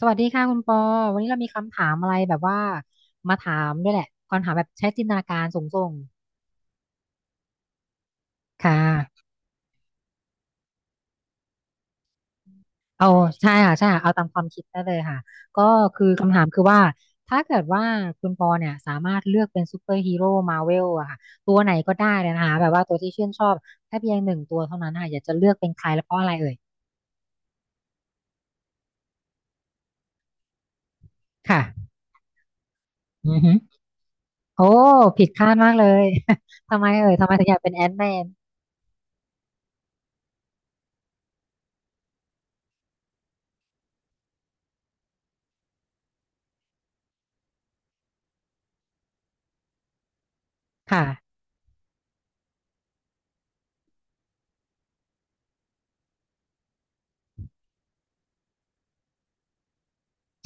สวัสดีค่ะคุณปอวันนี้เรามีคำถามอะไรแบบว่ามาถามด้วยแหละคำถามแบบใช้จินตนาการสูงๆค่ะเอาใช่ค่ะใช่ค่ะเอาตามความคิดได้เลยค่ะ ก็คือคำถามคือว่าถ้าเกิดว่าคุณปอเนี่ยสามารถเลือกเป็นซูเปอร์ฮีโร่มาเวลอะค่ะตัวไหนก็ได้เลยนะคะแบบว่าตัวที่ชื่นชอบแค่เพียงหนึ่งตัวเท่านั้นค่ะอยากจะเลือกเป็นใครและเพราะอะไรเอ่ยค่ะอือฮึโอ้ผิดคาดมากเลย ทำไมเอ่ยทำไมถึงอยากเป็นแอนท์แมนค่ะ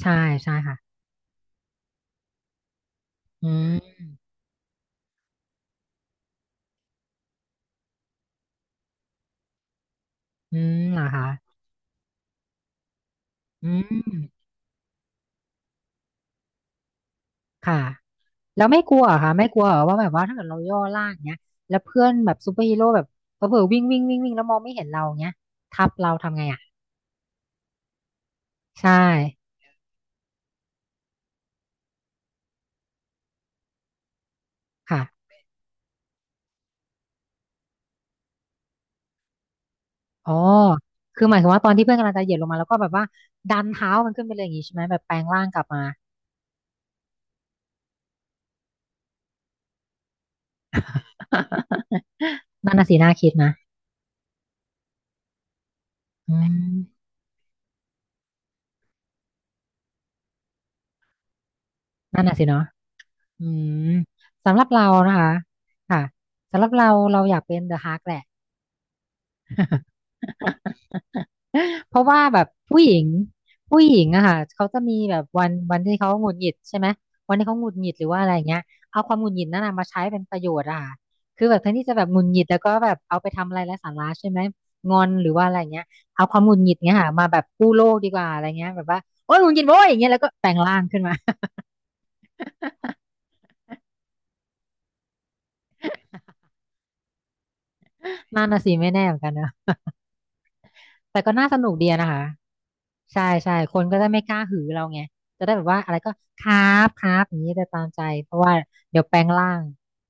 ใช่ใช่ค่ะอืมอืมเหรอคะ อืมค่ะแล้วไม่กลัวเหรอค่ะไม่กลัวเหรอว่าแบบว่าถ้าเกิดเราย่อล่างเนี้ยแล้วเพื่อนแบบซูเปอร์ฮีโร่แบบเผลอๆวิ่งวิ่งวิ่งวิ่งแล้วมองไม่เห็นเราเนี้ยทับเราทำไงอ่ะใช่ค่ะอ๋อคือหมายความว่าตอนที่เพื่อนกำลังจะเหยียบลงมาแล้วก็แบบว่าดันเท้ามันขึ้นไปเลยอย่างงี้ใช่ไหมแบบแปลงร่างกลับมา นั่นน่ะสิน่าคิดนะอืมนั่นน่ะสิเนาะอืมสำหรับเรานะคะค่ะสำหรับเราเราอยากเป็นเดอะฮาร์กแหละ เพราะว่าแบบผู้หญิงผู้หญิงอะค่ะเขาจะมีแบบวันวันที่เขาหงุดหงิดใช่ไหมวันที่เขาหงุดหงิดหรือว่าอะไรเงี้ยเอาความหงุดหงิดนั่นนะมาใช้เป็นประโยชน์อะค่ะคือแบบแทนที่จะแบบหงุดหงิดแล้วก็แบบเอาไปทำอะไรไร้สาระใช่ไหมงอนหรือว่าอะไรเงี้ยเอาความหงุดหงิดเงี้ยค่ะมาแบบกู้โลกดีกว่าอะไรเงี้ยแบบว่าโอ๊ยหงุดหงิดโว้ยอย่างเงี้ยแล้วก็แปลงร่างขึ้นมา นั่นน่ะสิไม่แน่เหมือนกันนะ แต่ก็น่าสนุกดีอะนะคะใช่ใช่คนก็จะไม่กล้าหือเราไงจะได้แบบว่าอะไรก็ครับครับอย่างนี้จะตามใจเพราะว่าเดี๋ยวแปลงร่าง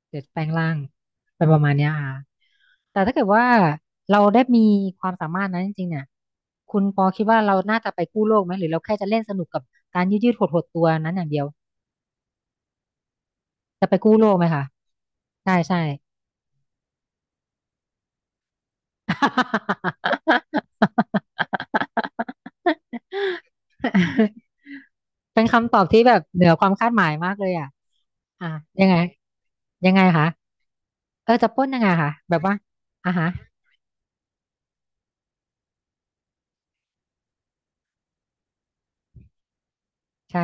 เดี๋ยวแปลงร่างเป็นประมาณเนี้ยค่ะแต่ถ้าเกิดว่าเราได้มีความสามารถนั้นจริงๆเนี่ยคุณปอคิดว่าเราน่าจะไปกู้โลกไหมหรือเราแค่จะเล่นสนุกกับการยืดยืดหดหดตัวนั้นอย่างเดียวจะไปกู้โลกไหมคะใช่ใช่ เป็นคำตอบที่แบบเหนือความคาดหมายมากเลยอ่ะอ่ะยังไงยังไงคะเออจะปล้นยังไงคะแบบว่าอ่ะฮะใช่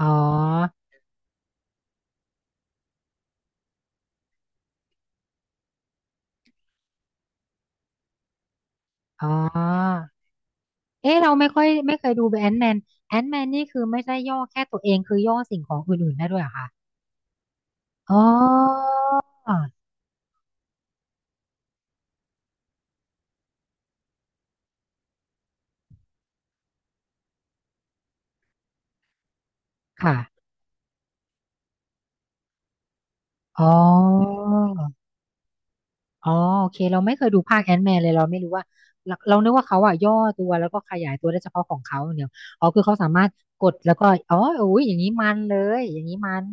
อ๋ออ๋อเอ๊ะเราไม่ค่อยไม่เคยดูแอนแมนแอนแมนนี่คือไม่ใช่ย่อแค่ตัวเองคือย่อสิ่งของอื่นๆได้ด้วยเหรอคะอ๋อค่ะอ๋อ อ๋อโอเคเราไม่เคยดูภาคแอน m ์แมนเลยเราไม่รู้ว่าเราเรานึกว่าเขาอะย่อตัวแล้วก็ขยายตัวได้เฉพาะของเขาอย่างเดียวอ๋อคือเขาสามารถกดแล้วก็อ๋ออุ้ยอย่างนี้มันเลยอย่างนี้มัน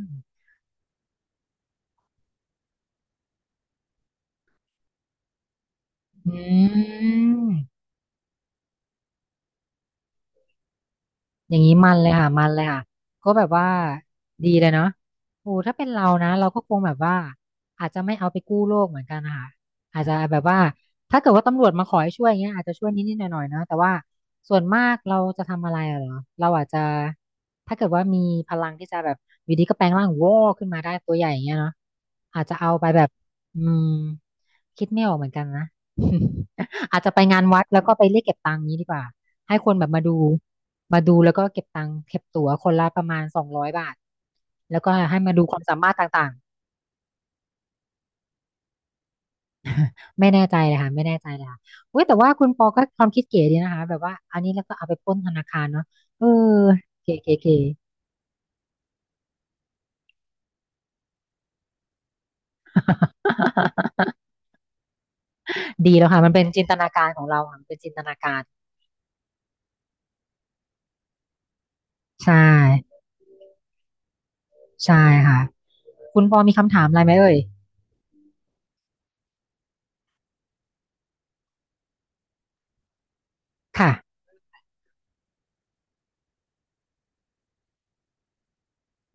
อืม อย่างนี้มันเลยค่ะมันเลยค่ะก็แบบว่าดีเลยเนาะโอ้ถ้าเป็นเรานะเราก็คงแบบว่าอาจจะไม่เอาไปกู้โลกเหมือนกันนะคะอาจจะแบบว่าถ้าเกิดว่าตำรวจมาขอให้ช่วยอย่างเงี้ยอาจจะช่วยนิดๆหน่อยๆเนาะแต่ว่าส่วนมากเราจะทำอะไรอะเหรอเราอาจจะถ้าเกิดว่ามีพลังที่จะแบบอยู่ดีก็แปลงร่างวอขึ้นมาได้ตัวใหญ่อย่างเงี้ยเนาะอาจจะเอาไปแบบอืมคิดไม่ออกเหมือนกันนะ อาจจะไปงานวัดแล้วก็ไปเรียกเก็บตังค์นี้ดีกว่า ให้คนแบบมาดูมาดูแล้วก็เก็บตังค์เก็บตั๋วคนละประมาณ200 บาทแล้วก็ให้มาดูความสามารถต่างๆไม่แน่ใจเลยค่ะไม่แน่ใจเลยค่ะเว้ยแต่ว่าคุณปอก็ความคิดเก๋ดีนะคะแบบว่าอันนี้แล้วก็เอาไปปล้นธนาคารเนาะเออเก๋เก๋เก๋ ดีแล้วค่ะมันเป็นจินตนาการของเราค่ะมันเป็นจินตนาการใช่ใช่ค่ะคุณปอมีคำถามอะไรไหมเอ่ยค่ะ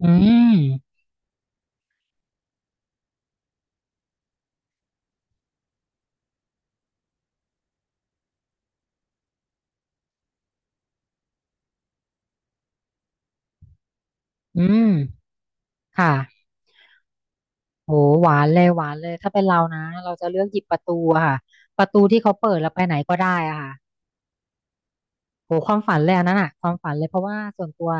อืมอืมค่ะ โหหวานเลยหวานเลยถ้าเป็นเรานะเราจะเลือกหยิบประตูอะค่ะประตูที่เขาเปิดแล้วไปไหนก็ได้อะค่ะโหความฝันเลยอันนั้นอะความฝันเลยเพราะว่าส่วนตัว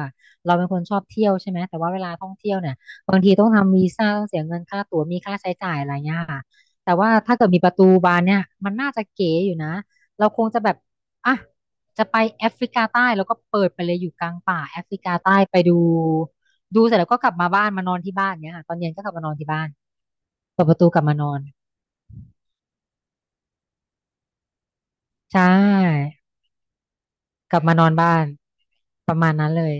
เราเป็นคนชอบเที่ยวใช่ไหมแต่ว่าเวลาท่องเที่ยวเนี่ยบางทีต้องทำวีซ่าต้องเสียเงินค่าตั๋วมีค่าใช้จ่ายอะไรเงี้ยค่ะแต่ว่าถ้าเกิดมีประตูบานเนี่ยมันน่าจะเก๋อยู่นะเราคงจะแบบอ่ะจะไปแอฟริกาใต้แล้วก็เปิดไปเลยอยู่กลางป่าแอฟริกาใต้ไปดูดูเสร็จแล้วก็กลับมาบ้านมานอนที่บ้านเนี้ยค่ะตอนเย็นก็กลับมานอนที่บ้านเปิดประตูกลับมานอน ใช่กลับมานอนบ้านประมาณนั้นเลย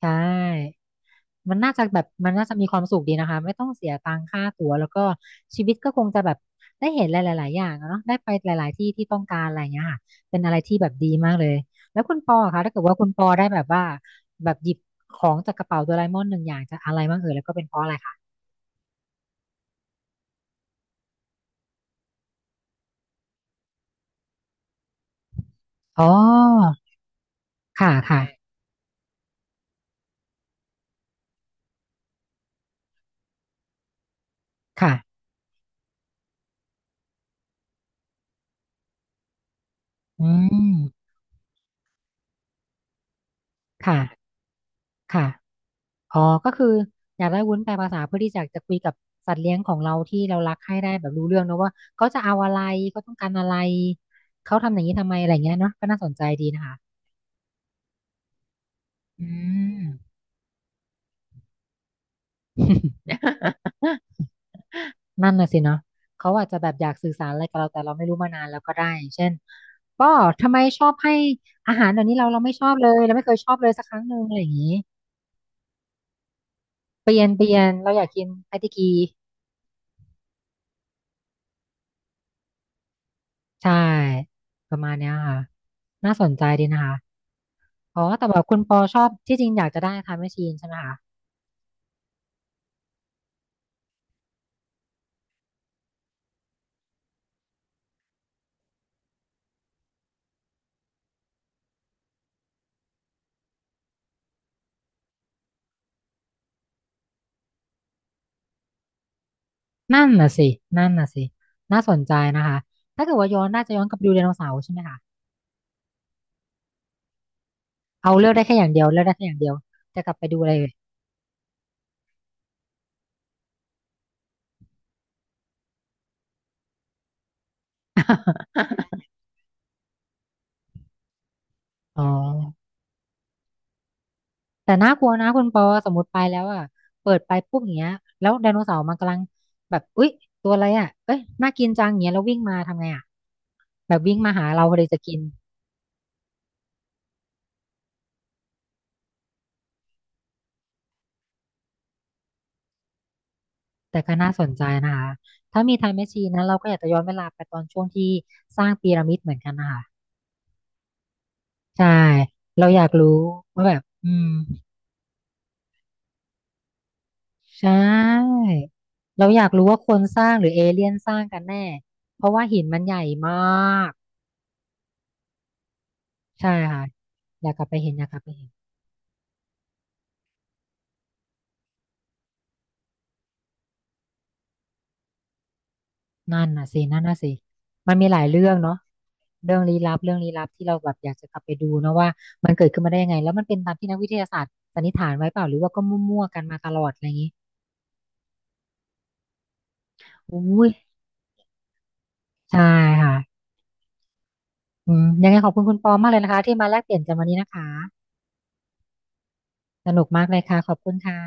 ใช่มันน่าจะแบบมันน่าจะมีความสุขดีนะคะไม่ต้องเสียตังค่าตั๋วแล้วก็ชีวิตก็คงจะแบบได้เห็นหลายๆอย่างอะเนาะได้ไปหลายๆที่ที่ต้องการอะไรอย่างเงี้ยค่ะเป็นอะไรที่แบบดีมากเลยแล้วคุณปอคะถ้าเกิดว่าคุณปอได้แบบว่าแบบหยิบของจากกระเป๋าโดราเอมอนหนึ่งอย่างจะอะไรบ้างเอ่ยแล้วก็เป็นเพราะอะไรคะอ๋อค่ะค่ะค่ะอืมค่ะค่ะ อ๋อก็คืออยากได้วุ้นแปลภาษาเพื่อที่จะคุยกับสัตว์เลี้ยงของเราที่เรารักให้ได้แบบรู้เรื่องเนอะว่าเขาจะเอาอะไรเขาต้องการอะไรเขาทำอย่างนี้ทำไมอะไรเงี้ยเนาะก็น่าสนใจดีนะคะอืม นั่นน่ะสิเนาะเขาอาจจะแบบอยากสื่อสารอะไรกับเราแต่เราไม่รู้มานานแล้วก็ได้เช่นก็ทำไมชอบให้อาหารเดี๋ยวนี้เราไม่ชอบเลยเราไม่เคยชอบเลยสักครั้งหนึ่งอะไรอย่างนี้เปลี่ยนเปลี่ยนเราอยากกินไอติกี ใช่ประมาณเนี้ยค่ะน่าสนใจดีนะคะอ๋อแต่แบบคุณปอชอบที่จริงอยากจะได้ไทม์แมชชีนใช่ไหมคะนั่นน่ะสินั่นน่ะสิน่าสนใจนะคะถ้าเกิดว่าย้อนน่าจะย้อนกลับไปดูไดโนเสาร์ใช่ไหมคะเอาเลือกได้แค่อย่างเดียวเลือกได้แค่อย่างเดียวจะกลับไปดูอะไรเลยอ๋อแต่น่ากลัวนะคุณปอสมมติไปแล้วอ่ะเปิดไปปุ๊บอย่างเงี้ยแล้วไดโนเสาร์มันกำลังแบบอุ๊ยตัวอะไรอ่ะเอ้ยน่ากินจังอย่างเงี้ยแล้ววิ่งมาทำไงอ่ะแบบวิ่งมาหาเราพอดีจะกิน แต่ก็น่าสนใจนะคะถ้ามีไทม์แมชชีนนะเราก็อยากจะย้อนเวลาไปตอนช่วงที่สร้างพีระมิดเหมือนกันนะคะใช่ เราอยากรู้ว่าแบบอืมใช่ เราอยากรู้ว่าคนสร้างหรือเอเลี่ยนสร้างกันแน่ เพราะว่าหินมันใหญ่มาก ใช่ค่ะ อยากกลับไปเห็นอยากกลับไปเห็นนั่นน่ะสินั่นน่ะสิมันมีหลายเรื่องเนาะเรื่องลี้ลับเรื่องลี้ลับที่เราแบบอยากจะกลับไปดูเนอะว่ามันเกิดขึ้นมาได้ยังไงแล้วมันเป็นตามที่นักวิทยาศาสตร์สันนิษฐานไว้เปล่าหรือว่าก็มั่วๆกันมาตลอดอะไรอย่างนี้ อุ้ยใช่ค่ะอืมยังไงขอบคุณคุณปอมากเลยนะคะที่มาแลกเปลี่ยนกันวันนี้นะคะสนุกมากเลยค่ะขอบคุณค่ะ